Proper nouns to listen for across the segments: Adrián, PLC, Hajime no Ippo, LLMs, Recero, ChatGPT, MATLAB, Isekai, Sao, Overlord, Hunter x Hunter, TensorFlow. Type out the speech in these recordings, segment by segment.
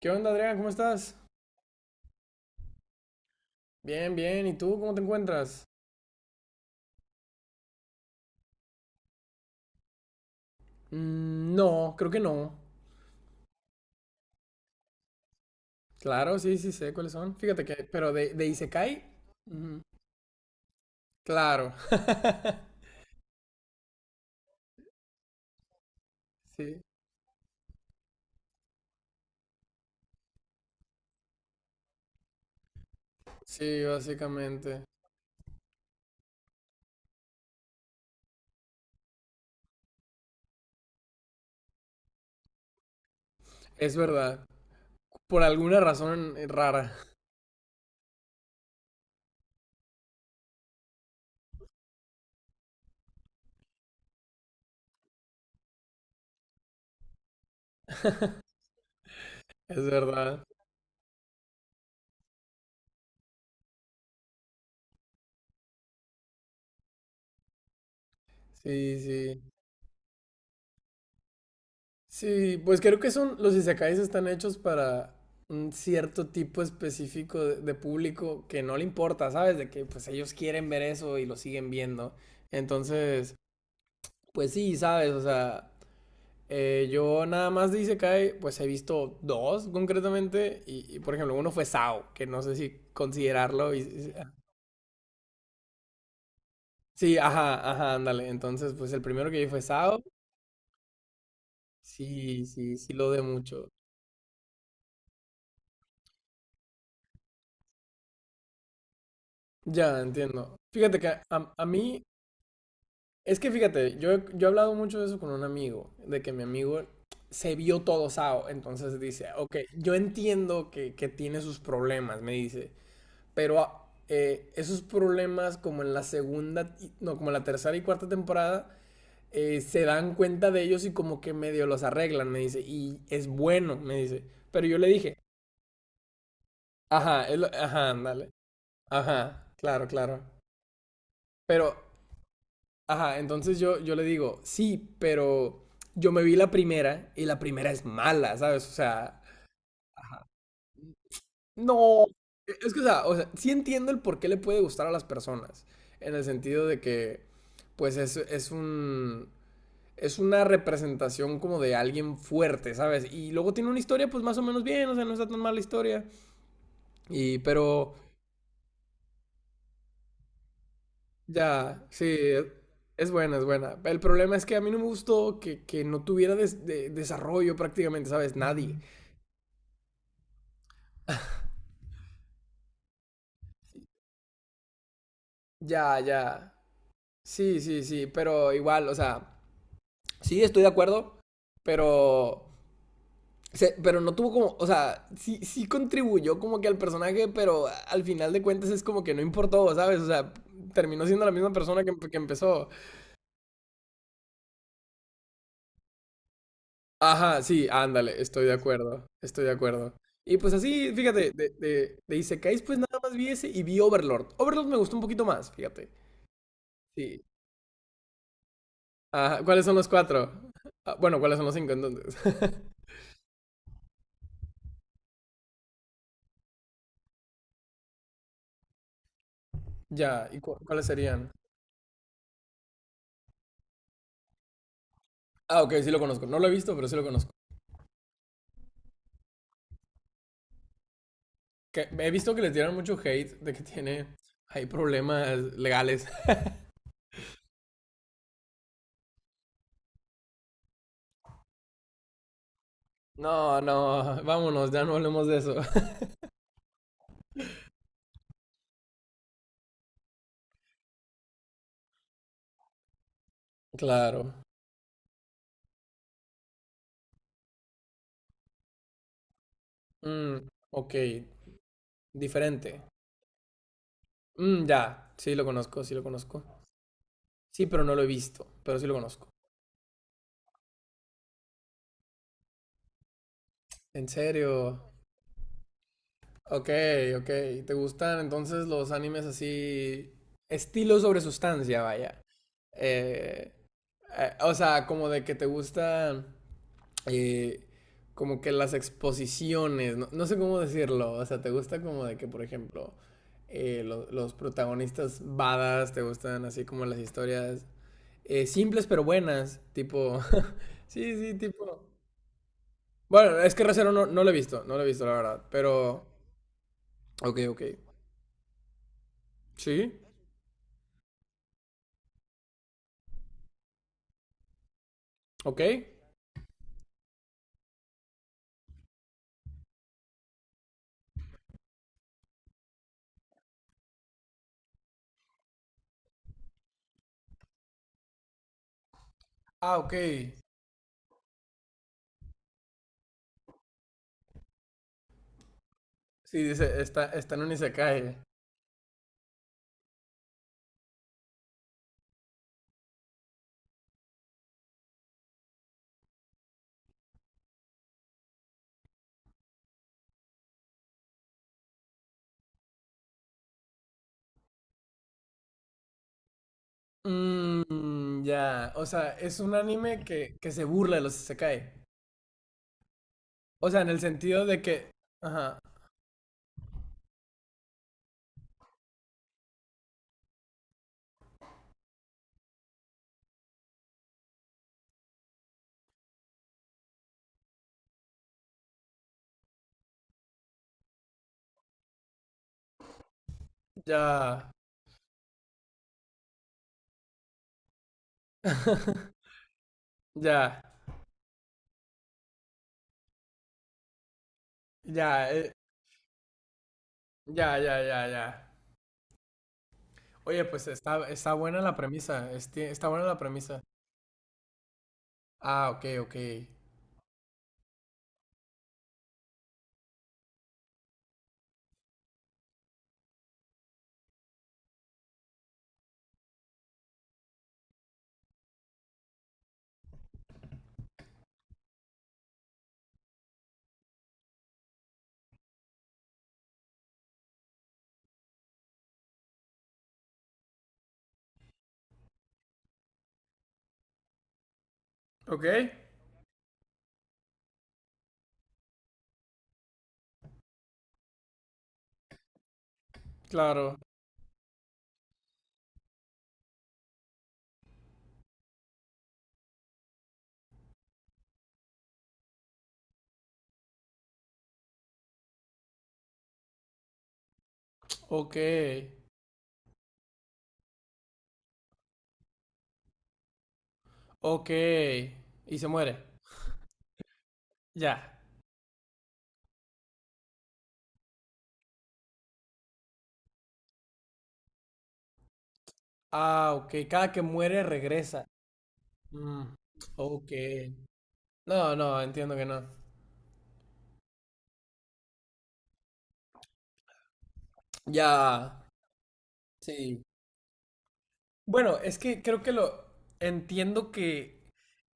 ¿Qué onda, Adrián? ¿Cómo estás? Bien, bien. ¿Y tú cómo te encuentras? Mm, no, creo que no. Claro, sí, sí sé cuáles son. Fíjate que, pero de Isekai, mm, claro. Sí, sí, básicamente. Es verdad. Por alguna razón rara. Es verdad. Sí, sí. Sí, pues creo que son, los Isekais están hechos para un cierto tipo específico de público que no le importa, ¿sabes? De que pues ellos quieren ver eso y lo siguen viendo. Entonces, pues sí, sabes, o sea, yo nada más de Isekai, pues he visto dos concretamente, y, por ejemplo, uno fue Sao, que no sé si considerarlo. Sí, ajá, ajá, ándale. Entonces, pues el primero que vi fue Sao, sí, sí, sí lo de mucho. Ya, entiendo. Fíjate que a mí, es que fíjate, yo, yo he hablado mucho de eso con un amigo, de que mi amigo se vio todo Sao, entonces dice, ok, yo entiendo que tiene sus problemas, me dice. Pero esos problemas como en la segunda, no, como en la tercera y cuarta temporada, se dan cuenta de ellos y como que medio los arreglan, me dice. Y es bueno, me dice. Pero yo le dije, ajá, ajá, ándale. Ajá, claro, claro. Pero, ajá, entonces yo le digo, sí, pero yo me vi la primera y la primera es mala, ¿sabes? O sea, no, es que, o sea, sí entiendo el por qué le puede gustar a las personas, en el sentido de que, pues es un, es una representación como de alguien fuerte, ¿sabes? Y luego tiene una historia, pues más o menos bien, o sea, no está tan mala historia. Y, pero, ya, sí, es buena, es buena. El problema es que a mí no me gustó que no tuviera desarrollo prácticamente, ¿sabes? Nadie. Ya, ya. Sí, sí, sí, pero igual, o sea, sí, estoy de acuerdo, pero... Pero no tuvo como, o sea, sí, sí contribuyó como que al personaje, pero al final de cuentas es como que no importó, ¿sabes? O sea, terminó siendo la misma persona que empezó. Ajá, sí, ándale, estoy de acuerdo, estoy de acuerdo. Y pues así, fíjate, de Isekais pues nada más vi ese y vi Overlord. Overlord me gustó un poquito más, fíjate. Sí. Ajá, ¿cuáles son los cuatro? Ah, bueno, ¿cuáles son los cinco entonces? Ya, ¿y cuáles serían? Ah, ok, sí lo conozco. No lo he visto, pero sí lo conozco. Que he visto que les dieron mucho hate de que tiene. Hay problemas legales. No, no, vámonos, ya no hablemos de eso. Claro. Mm, ok, diferente. Mm, ya, sí lo conozco, sí lo conozco. Sí, pero no lo he visto, pero sí lo conozco. En serio. Ok, ok. ¿Te gustan entonces los animes así? Estilo sobre sustancia, vaya. Eh, o sea, como de que te gustan eh, como que las exposiciones, no, no sé cómo decirlo, o sea, ¿te gusta como de que, por ejemplo, los protagonistas badas, te gustan así como las historias simples pero buenas, tipo, sí, sí, tipo... Bueno, es que Recero no, no lo he visto, no lo he visto, la verdad, pero... Ok, ok. Sí, ok. Ah, ok. Sí, dice, está, está en un isekai. Mmm, ya. O sea, es un anime que se burla de los isekai. O sea, en el sentido de que, ajá, ya, ya, ya, ya, ya, ya, ya. Oye, pues está, está buena la premisa, está buena la premisa. Ah, ok, ok. Ok, claro, ok, ok. Y se muere, ya. Ah, ok, cada que muere regresa. Mm, ok. No, no, entiendo que no. Ya, sí. Bueno, es que creo que lo entiendo que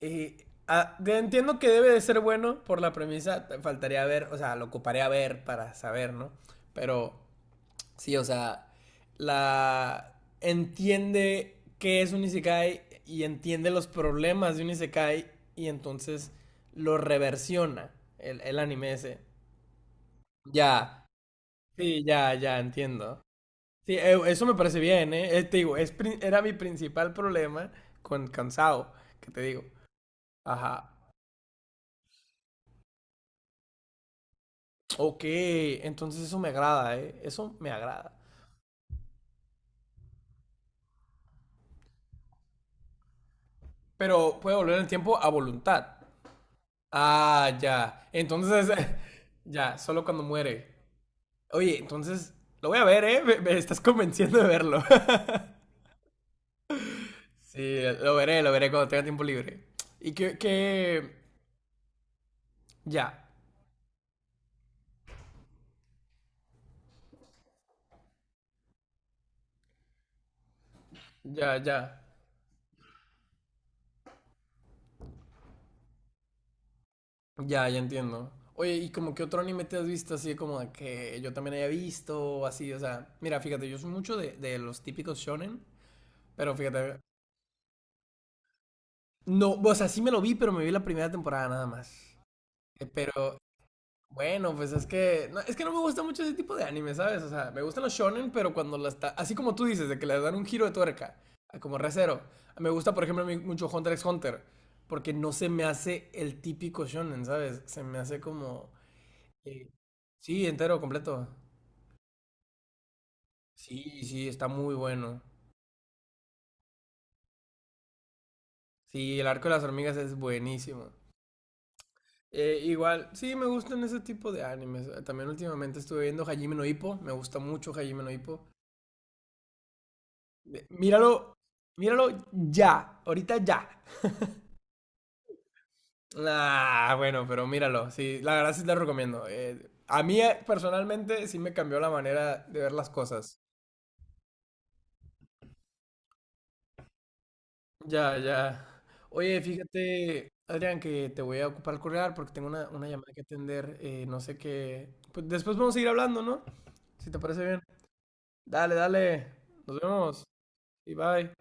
entiendo que debe de ser bueno por la premisa, faltaría ver, o sea, lo ocuparé a ver para saber, ¿no? Pero sí, o sea, la entiende qué es un isekai y entiende los problemas de un isekai y entonces lo reversiona el anime ese. Ya, sí, ya, ya entiendo. Sí, eso me parece bien, ¿eh? Te digo, era mi principal problema con cansado, que te digo. Ajá. Ok, entonces eso me agrada, ¿eh? Eso me agrada. Pero puede volver el tiempo a voluntad. Ah, ya. Entonces, ya, solo cuando muere. Oye, entonces, lo voy a ver, ¿eh? Me estás convenciendo de verlo. Sí, lo veré cuando tenga tiempo libre. Y que... Ya, ya, ya. Ya, ya entiendo. Oye, ¿y como que otro anime te has visto así como de que yo también haya visto o así? O sea, mira, fíjate, yo soy mucho de los típicos shonen, pero fíjate, no, o sea, sí me lo vi, pero me vi la primera temporada nada más. Pero bueno, pues es que no me gusta mucho ese tipo de anime, ¿sabes? O sea, me gustan los shonen, pero cuando así como tú dices, de que le dan un giro de tuerca, a como recero. Me gusta, por ejemplo, a mí mucho Hunter x Hunter, porque no se me hace el típico shonen, ¿sabes? Se me hace como sí, sí, entero, completo. Sí, sí, está muy bueno. Sí, el arco de las hormigas es buenísimo. Igual, sí, me gustan ese tipo de animes. También últimamente estuve viendo Hajime no Ippo. Me gusta mucho Hajime no Ippo. Míralo, míralo ya, ahorita ya. Ah, bueno, pero míralo. Sí, la verdad sí te lo recomiendo. A mí personalmente sí me cambió la manera de ver las cosas. Ya, ya. Oye, fíjate, Adrián, que te voy a ocupar el correal porque tengo una llamada que atender. Eh, no sé qué. Pues después vamos a seguir hablando, ¿no? Si te parece bien. Dale, dale. Nos vemos. Y bye.